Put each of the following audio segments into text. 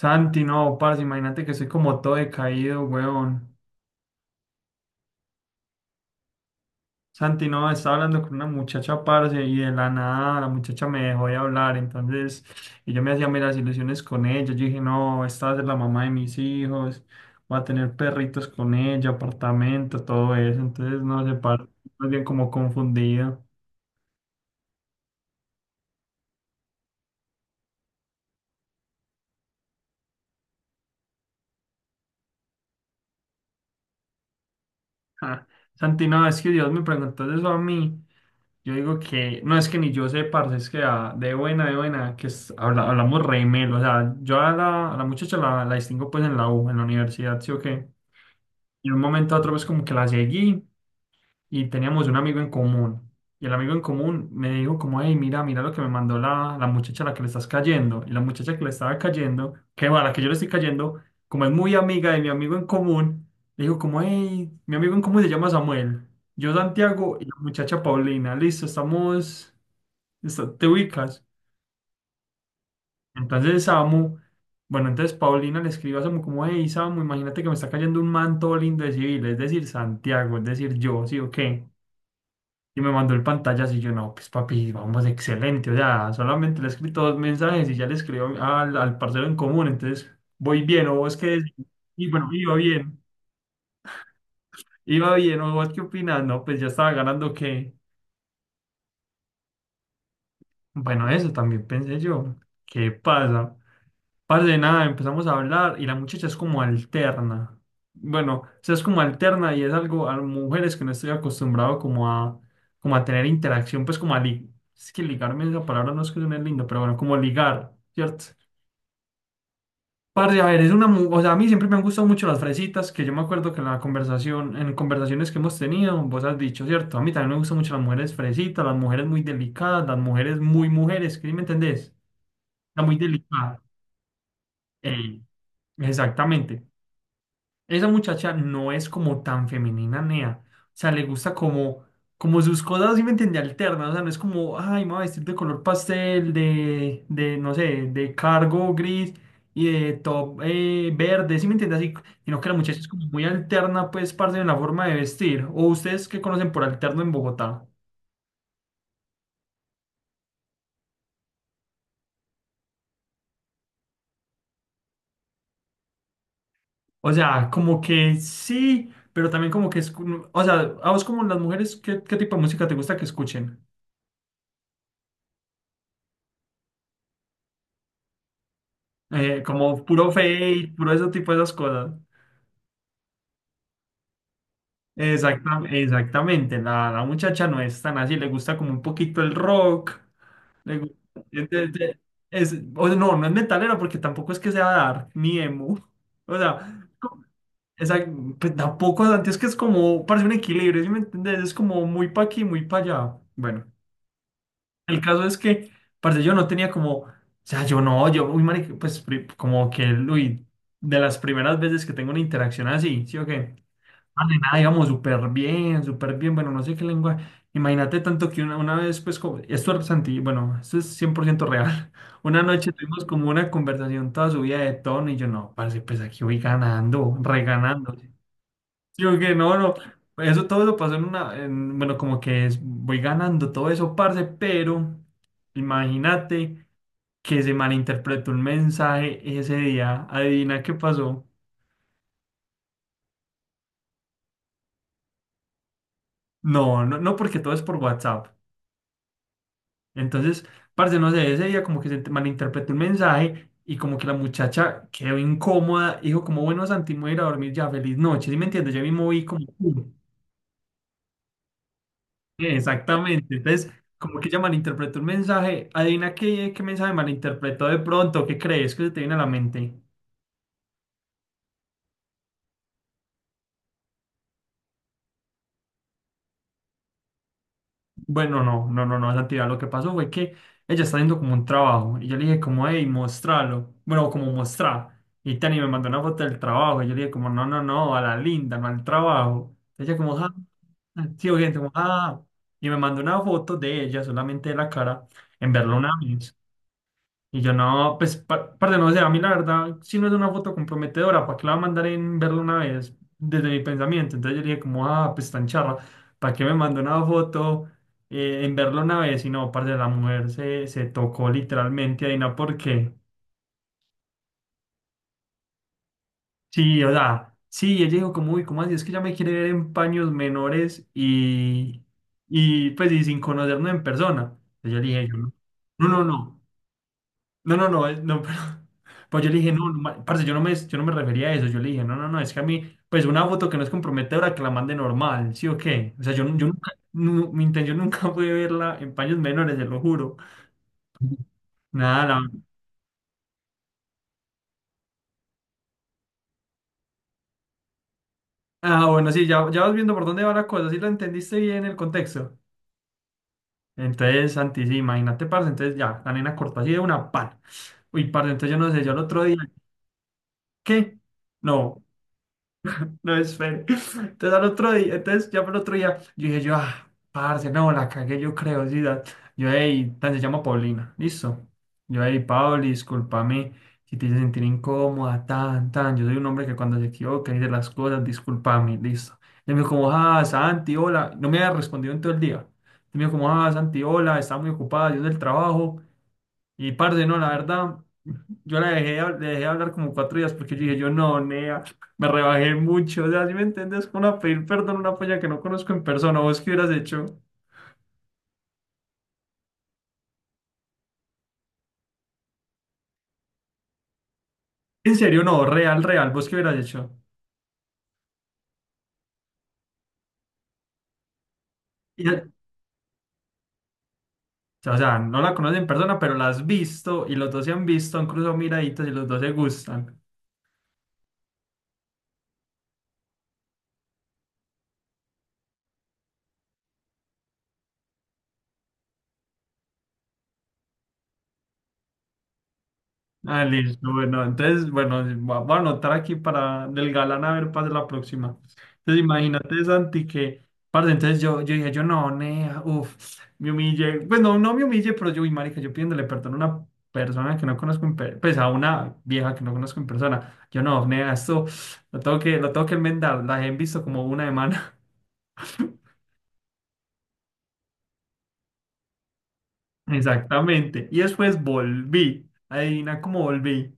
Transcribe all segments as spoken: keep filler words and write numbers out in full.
Santi, no, parce, imagínate que soy como todo decaído, weón. Santi, no, estaba hablando con una muchacha, parce, y de la nada la muchacha me dejó de hablar, entonces, y yo me hacía meras ilusiones con ella, yo dije, no, esta va a ser la mamá de mis hijos, voy a tener perritos con ella, apartamento, todo eso, entonces, no sé, parce, más bien como confundido. Ja. Santi, no, es que Dios me preguntó eso a mí. Yo digo que, no es que ni yo sé, parce, es que ah, de buena, de buena, que es- habla- hablamos re melo, o sea, yo a la, a la muchacha la, la distingo pues en la U, en la universidad, sí o qué, y de un momento a otro pues como que la seguí y teníamos un amigo en común, y el amigo en común me dijo como, hey, mira, mira lo que me mandó la, la muchacha a la que le estás cayendo, y la muchacha que le estaba cayendo, que bueno, a la que yo le estoy cayendo, como es muy amiga de mi amigo en común, le dijo como, hey, mi amigo en común se llama Samuel, yo Santiago y la muchacha Paulina, listo, estamos... Está- te ubicas. Entonces Samu, bueno, entonces Paulina le escribe a Samu como, hey Samu, imagínate que me está cayendo un manto lindo de civil, es decir, Santiago, es decir, yo, sí o qué. Y me mandó el pantallazo y yo, no, pues papi, vamos, excelente. O sea, solamente le he escrito dos mensajes y ya le escribo al, al parcero en común, entonces voy bien, o vos qué decís. Y bueno, iba bien, iba bien, o vos qué opinas, no, pues ya estaba ganando que, bueno, eso también pensé yo, ¿qué pasa? Parce, de nada, empezamos a hablar y la muchacha es como alterna. Bueno, o sea, es como alterna y es algo a mujeres que no estoy acostumbrado como a, como a tener interacción, pues como a li- es que ligarme esa palabra no es que suene lindo, pero bueno, como ligar, ¿cierto? Parce, a ver, es una, mu- o sea, a mí siempre me han gustado mucho las fresitas, que yo me acuerdo que en la conversación, en conversaciones que hemos tenido, vos has dicho, ¿cierto? A mí también me gustan mucho las mujeres fresitas, las mujeres muy delicadas, las mujeres muy mujeres, ¿sí me entendés? La muy delicada. Ey. Exactamente. Esa muchacha no es como tan femenina, Nea. O sea, le gusta como, como sus cosas, ¿sí me entiende? Alternas. O sea, no es como, ay, me voy a vestir de color pastel, de, de no sé, de cargo gris y de top eh, verde, ¿sí me entiende? Así, sino que la muchacha es como muy alterna, pues, parte en la forma de vestir. O ustedes que conocen por alterno en Bogotá. O sea, como que sí, pero también como que es. O sea, a vos como las mujeres, ¿qué, qué tipo de música te gusta que escuchen? Eh, como puro fake, puro ese tipo de esas cosas. Exacta- exactamente, la, la muchacha no es tan así, le gusta como un poquito el rock, le gu- es, de- es- o sea, no, no es metalero porque tampoco es que sea dark ni emo, o sea, esa, pues tampoco, antes es que es como, parece un equilibrio, ¿sí me entendés? Es como muy pa' aquí, muy pa' allá. Bueno, el caso es que, parce, yo no tenía como, o sea, yo no, yo, uy, marica, pues pri- como que, uy, de las primeras veces que tengo una interacción así, ¿sí o qué? Vale, nada, íbamos súper bien, súper bien, bueno, no sé qué lengua. Imagínate tanto que una, una vez, pues, como, esto es anti- bueno, esto es cien por ciento real. Una noche tuvimos como una conversación toda subida de tono y yo, no, parce, pues aquí voy ganando, reganando. Yo que no, no, eso todo eso pasó en una, en- bueno, como que es- voy ganando todo eso, parce, pero imagínate que se malinterpretó un mensaje ese día. Adivina qué pasó. No, no, no, porque todo es por WhatsApp. Entonces, parce, no sé, ese día como que se ent- malinterpretó el mensaje y como que la muchacha quedó incómoda, dijo como, bueno, Santi, me voy a ir a dormir ya, feliz noche, ¿sí me entiendes? Yo me moví como, "Mm". Exactamente, entonces como que ella malinterpretó el mensaje, adivina qué, qué mensaje malinterpretó de pronto, ¿qué crees que se te viene a la mente? Bueno, no, no, no, no, Santiago. Lo que pasó fue que ella está haciendo como un trabajo y yo le dije como, hey, mostralo. Bueno, como mostrar. Y Tani me mandó una foto del trabajo y yo le dije como, no, no, no, a la linda, no al trabajo. Ella como, ah, sí, oye, como, ah. Y me mandó una foto de ella, solamente de la cara, en Berlín, y yo no, pues, pa- parce, no, o a mí la verdad, si no es una foto comprometedora, ¿para qué la va a mandar en verla una vez? Desde mi pensamiento. Entonces yo dije como, ah, pues tan charra, ¿para qué me mandó una foto eh, en verla una vez? Y no, parce, la mujer se, se tocó literalmente ahí, no, porque, sí, o sea, sí, ella dijo como, uy, ¿cómo así? Es que ya me quiere ver en paños menores y, y pues, y sin conocernos en persona. Entonces yo dije, yo no, no, no. No. No, no, no, eh, no, pero pues yo le dije, no, no, ma- parce, yo no me, yo no me refería a eso, yo le dije, no, no, no, es que a mí, pues una foto que no es comprometedora, que la mande normal, ¿sí o qué? O sea, yo, yo nunca, nu- mi intención nunca fue verla en paños menores, se lo juro. Nada, la- ah, bueno, sí, ya, ya vas viendo por dónde va la cosa, sí lo entendiste bien el contexto. Entonces, Santi, sí, imagínate, parce, entonces ya, la nena cortó así de una pan. Uy, parce, entonces yo no sé, yo el otro día, ¿qué? No. No, espere. Entonces al otro día, entonces ya por el otro día, yo dije yo, ah, parce, no, la cagué, yo creo, sí, da- yo, hey, se llama Paulina, listo. Yo, hey, Pauli, discúlpame si te hice sentir incómoda, tan, tan. Yo soy un hombre que cuando se equivoca dice las cosas, discúlpame, listo. Y me dijo como, ah, Santi, hola. No me había respondido en todo el día. Y me dijo como, ah, Santi, hola, estaba muy ocupada, yo del trabajo. Y parce, no, la verdad, yo la dejé, hab- le dejé hablar como cuatro días porque yo dije, yo no, nea, me rebajé mucho. O sea, ¿si me entiendes? ¿Como a pedir perdón a una polla que no conozco en persona? ¿Vos qué hubieras hecho? En serio, no, real, real, ¿vos qué hubieras hecho? Y ya- o sea, no la conoces en persona, pero la has visto y los dos se han visto, han cruzado miraditas y los dos se gustan. Ah, listo. Bueno, entonces, bueno, va- voy a anotar aquí para del galán a ver para la próxima. Entonces, imagínate, Santi, que, parce, entonces yo, yo dije, yo no, nea, uff, me humillé. Pues no, no me humillé, pero yo, uy, marica, yo pidiéndole perdón a una persona que no conozco en persona, pues a una vieja que no conozco en persona. Yo no, nea, esto lo tengo que, lo tengo que enmendar. La he visto como una semana. Exactamente. Y después volví. Adivina cómo volví.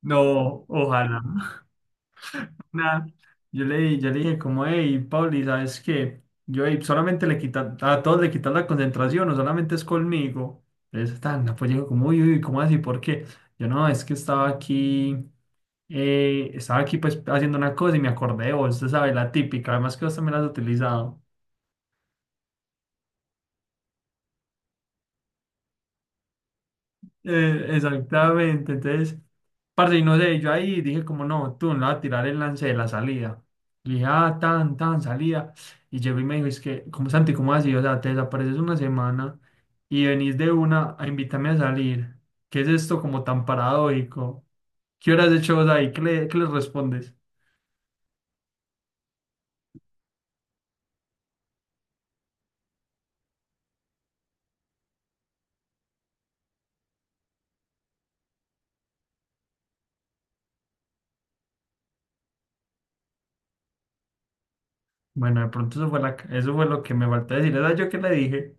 No, ojalá. Nah, yo le, yo le dije como, hey, Pauli, ¿sabes qué? Yo, "Ey, solamente le quita, a todos le quitas la concentración, o solamente es conmigo". Entonces, tan, no, pues digo como, uy, uy, ¿cómo así? ¿Por qué? Yo, no, es que estaba aquí, eh, estaba aquí pues haciendo una cosa y me acordé de vos, usted sabe, la típica, además que vos también la has utilizado. Eh, exactamente, entonces, parce, y no sé, yo ahí dije como no, tú no vas a tirar el lance de la salida. Y dije, ah, tan, tan, salida. Y llegó y me dijo, es que, como Santi, ¿cómo así? O sea, te desapareces una semana y venís de una a invitarme a salir. ¿Qué es esto como tan paradójico? ¿Qué horas de hecho vos ahí? ¿Qué le, qué le respondes? Bueno, de pronto eso fue, la, eso fue lo que me faltó decir. ¿Sabes yo qué le dije?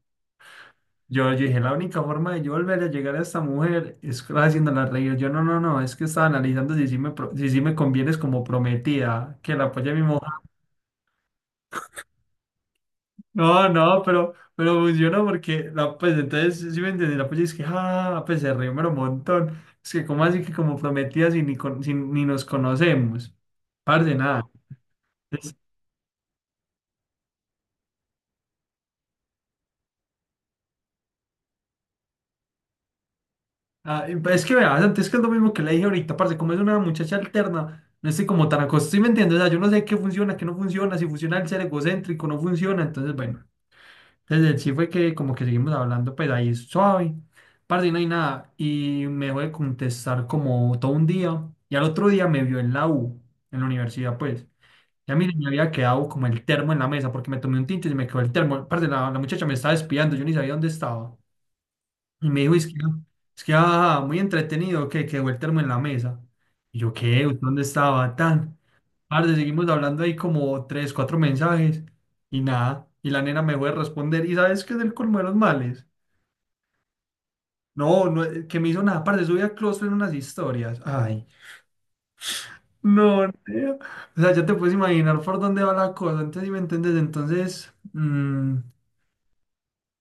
Yo, yo dije, la única forma de yo volver a llegar a esta mujer es haciéndola reír. Yo, no, no, no, es que estaba analizando si sí me, pro- si sí me convienes como prometida, que la apoye a mi mujer. No, no, pero, pero funcionó porque, la, pues, entonces, sí me entendí, la apoya es que, ah, pues, se rió, pero un montón. Es que, ¿cómo así que como prometida si ni, con- si ni nos conocemos? Parce, nada. Ah, y pues es que verás, antes que es lo mismo que le dije ahorita, parce, como es una muchacha alterna, no estoy como tan acostumbrado, ¿sí me entiendes? O sea, yo no sé qué funciona, qué no funciona, si funciona el ser egocéntrico, no funciona, entonces bueno, desde el sí fue que como que seguimos hablando, pues ahí suave, parce, y no hay nada, y me dejó de contestar como todo un día, y al otro día me vio en la U, en la universidad, pues, y a mí me había quedado como el termo en la mesa, porque me tomé un tinto y se me quedó el termo, parce, la, la muchacha me estaba espiando, yo ni sabía dónde estaba. Y me dijo, es que, es que ah, muy entretenido, que quedó el termo en la mesa. Y yo, ¿qué? ¿Usted dónde estaba? Tan. Parce, seguimos hablando ahí como tres, cuatro mensajes y nada. Y la nena me fue a responder. ¿Y sabes qué es el colmo de los males? No, no, eh, que me hizo nada. Parce, subí a Clostro en unas historias. Ay, no, nea. O sea, ya te puedes imaginar por dónde va la cosa. Entonces, si me entiendes, entonces, mm,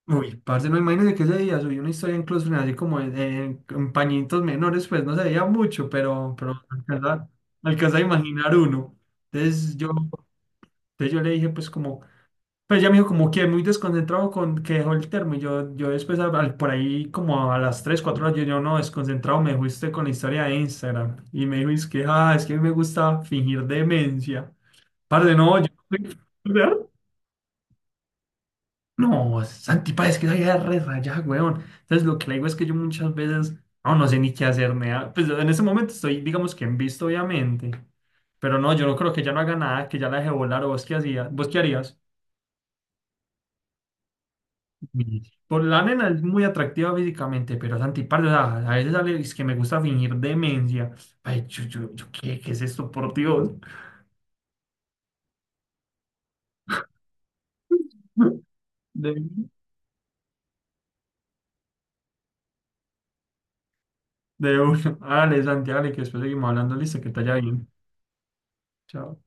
uy, parce, no, imagínese que ese día subí una historia en Close Friends, así como en, en- en pañitos menores, pues no se veía mucho, pero, pero alcanza, alcanza a imaginar uno. Entonces yo, entonces yo le dije, pues como, pues ya me dijo, como que muy desconcentrado con que dejó el termo. Y yo, yo después, a- al- por ahí, como a las tres cuatro horas, yo, yo no, desconcentrado, me fuiste con la historia de Instagram. Y me dijo, es que, ah, es que a mí me gusta fingir demencia. Parce, no, yo. No, Santi, pa, es que esa idea es re rayada, weón. Entonces, lo que le digo es que yo muchas veces no, no sé ni qué hacerme. ah, Pues en ese momento estoy, digamos que en visto, obviamente. Pero no, yo no creo que ya no haga nada, que ya la deje volar. ¿O vos qué hacías? ¿Vos qué harías? Mm. Por la nena es muy atractiva físicamente, pero Santi, parce, o sea, a veces sale, es que me gusta fingir demencia. Ay, yo, yo, yo, ¿qué, qué es esto, por Dios? De, de uno. Dale, Santi, dale, que después seguimos hablando. Listo, que te vaya bien. Chao.